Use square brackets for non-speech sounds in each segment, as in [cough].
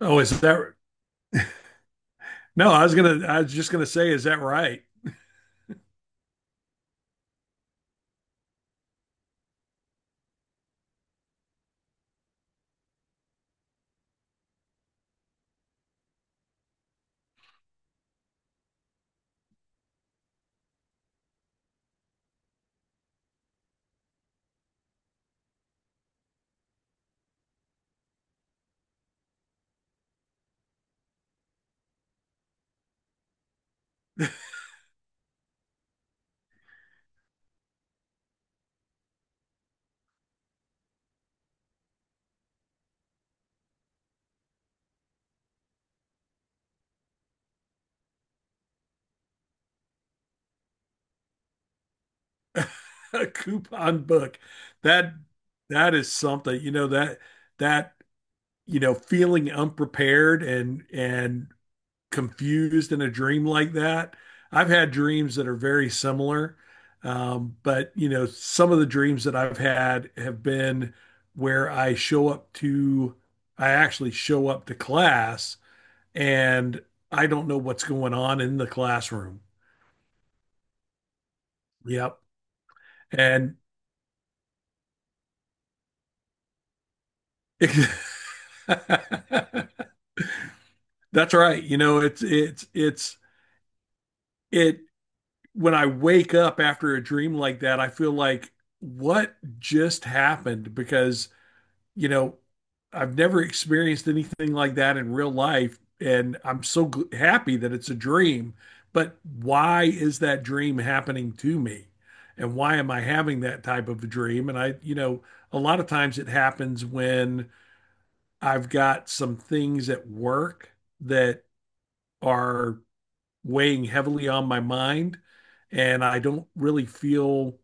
Oh, is that no? I was just gonna say, is that right? [laughs] A coupon book. That that is something. That you know feeling unprepared and confused in a dream like that. I've had dreams that are very similar, but you know some of the dreams that I've had have been where I show up to. I actually show up to class and I don't know what's going on in the classroom. Yep. And [laughs] that's right. You know, it's it when I wake up after a dream like that, I feel like what just happened because, you know, I've never experienced anything like that in real life and I'm so happy that it's a dream, but why is that dream happening to me? And why am I having that type of a dream? And I a lot of times it happens when I've got some things at work that are weighing heavily on my mind, and I don't really feel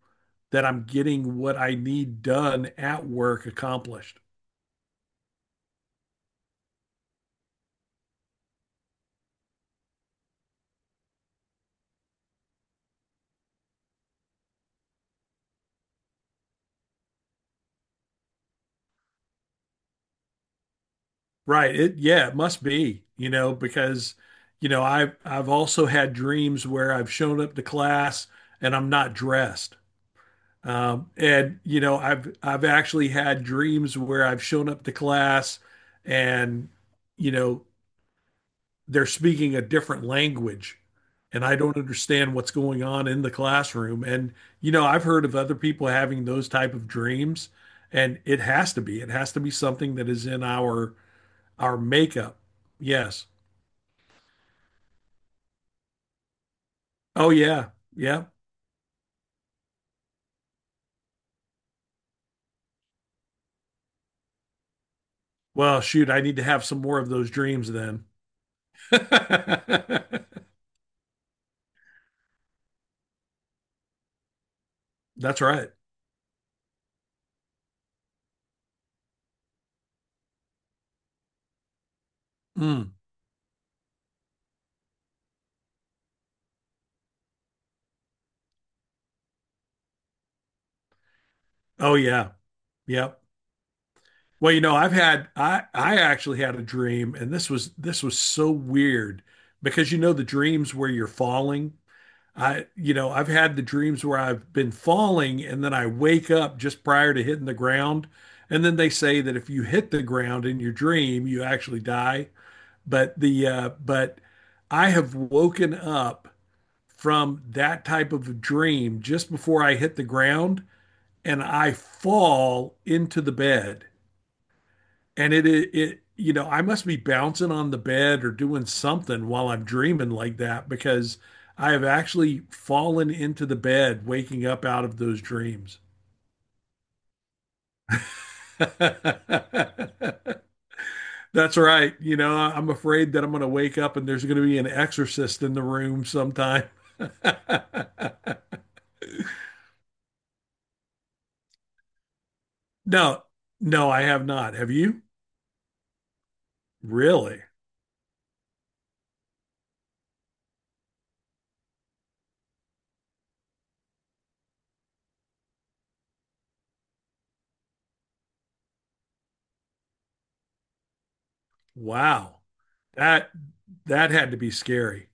that I'm getting what I need done at work accomplished. Right. It, yeah, it must be, you know, because, you know, I've also had dreams where I've shown up to class and I'm not dressed. And I've actually had dreams where I've shown up to class and, you know, they're speaking a different language and I don't understand what's going on in the classroom. And you know, I've heard of other people having those type of dreams, and It has to be something that is in our makeup. Yes. Oh yeah. Yeah. Well, shoot, I need to have some more of those dreams then. [laughs] That's right. Mm. Oh yeah. Yeah. Well, you know, I actually had a dream, and this was so weird because you know the dreams where you're falling. I've had the dreams where I've been falling and then I wake up just prior to hitting the ground. And then they say that if you hit the ground in your dream, you actually die. But I have woken up from that type of a dream just before I hit the ground and I fall into the bed and it you know I must be bouncing on the bed or doing something while I'm dreaming like that because I have actually fallen into the bed waking up out of those dreams. [laughs] That's right. You know, I'm afraid that I'm going to wake up and there's going to be an exorcist in the room sometime. [laughs] No, no, I have not. Have you? Really? Wow. That that had to be scary.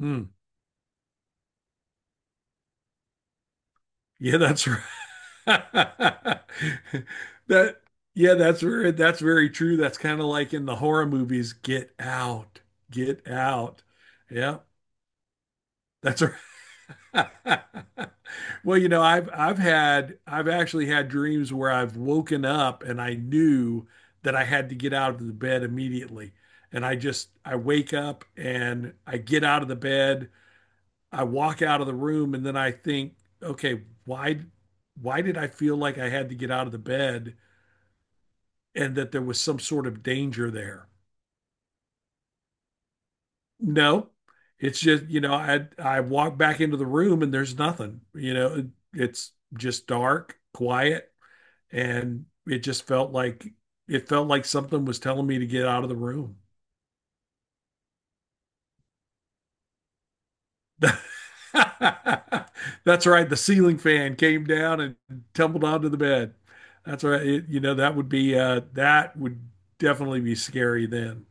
Hmm. Yeah, that's [laughs] right. [laughs] That yeah, that's very true. That's kind of like in the horror movies, Get Out, Get Out. Yeah, that's right. [laughs] Well, you know, I've actually had dreams where I've woken up and I knew that I had to get out of the bed immediately. And I wake up and I get out of the bed, I walk out of the room, and then I think, okay, why did I feel like I had to get out of the bed and that there was some sort of danger there? No, it's just, you know, I walk back into the room and there's nothing. You know, it's just dark, quiet, and it felt like something was telling me to get out of the room. [laughs] That's right. The ceiling fan came down and tumbled onto the bed. That's right. It, you know, that would definitely be scary then.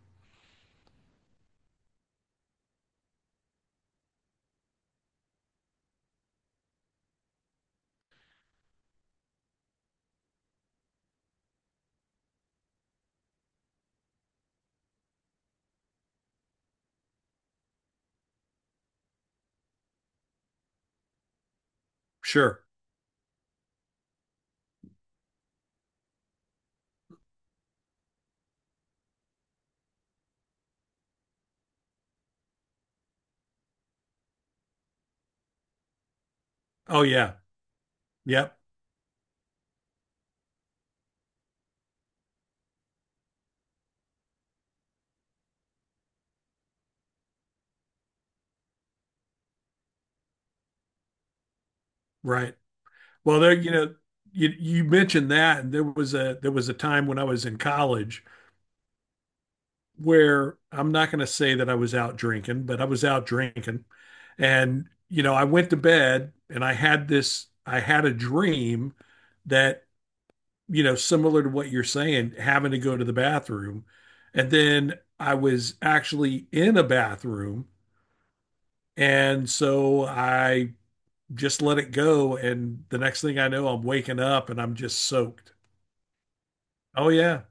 Sure. Oh yeah. Yep. Right. Well, there, you know, you mentioned that, and there was a time when I was in college where I'm not going to say that I was out drinking, but I was out drinking, and you know, I went to bed and I had a dream that you know similar to what you're saying, having to go to the bathroom, and then I was actually in a bathroom, and so I just let it go, and the next thing I know, I'm waking up and I'm just soaked. Oh yeah.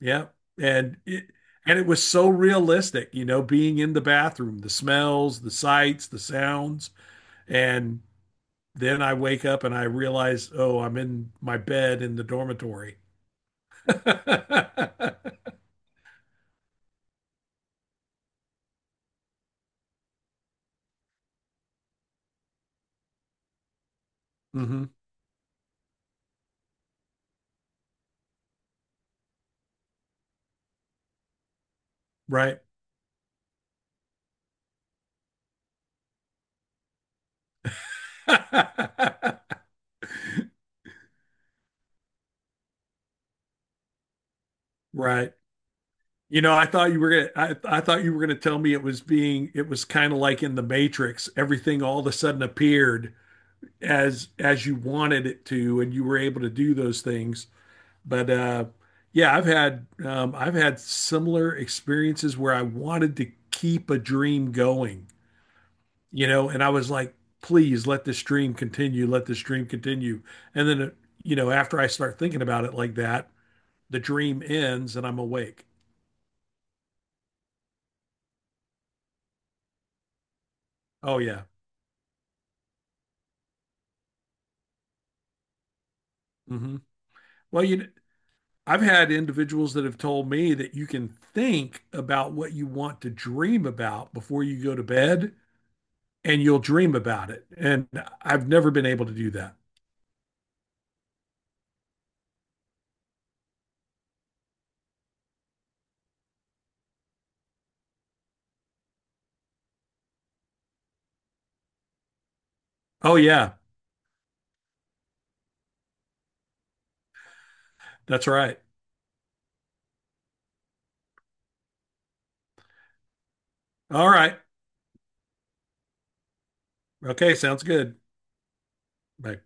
Yeah. And it and it was so realistic, you know, being in the bathroom, the smells, the sights, the sounds. And then I wake up and I realize, oh, I'm in my bed in the dormitory. [laughs] hmm Right. [laughs] Right. You know, I thought you were gonna tell me it was being it was kind of like in the Matrix, everything all of a sudden appeared as you wanted it to, and you were able to do those things. But yeah, I've had similar experiences where I wanted to keep a dream going, you know, and I was like, please let this dream continue, let this dream continue. And then, uh, you know, after I start thinking about it like that, the dream ends and I'm awake. Oh yeah. hmm Well, I've had individuals that have told me that you can think about what you want to dream about before you go to bed and you'll dream about it. And I've never been able to do that. Oh yeah. That's right. All right. Okay, sounds good. Bye.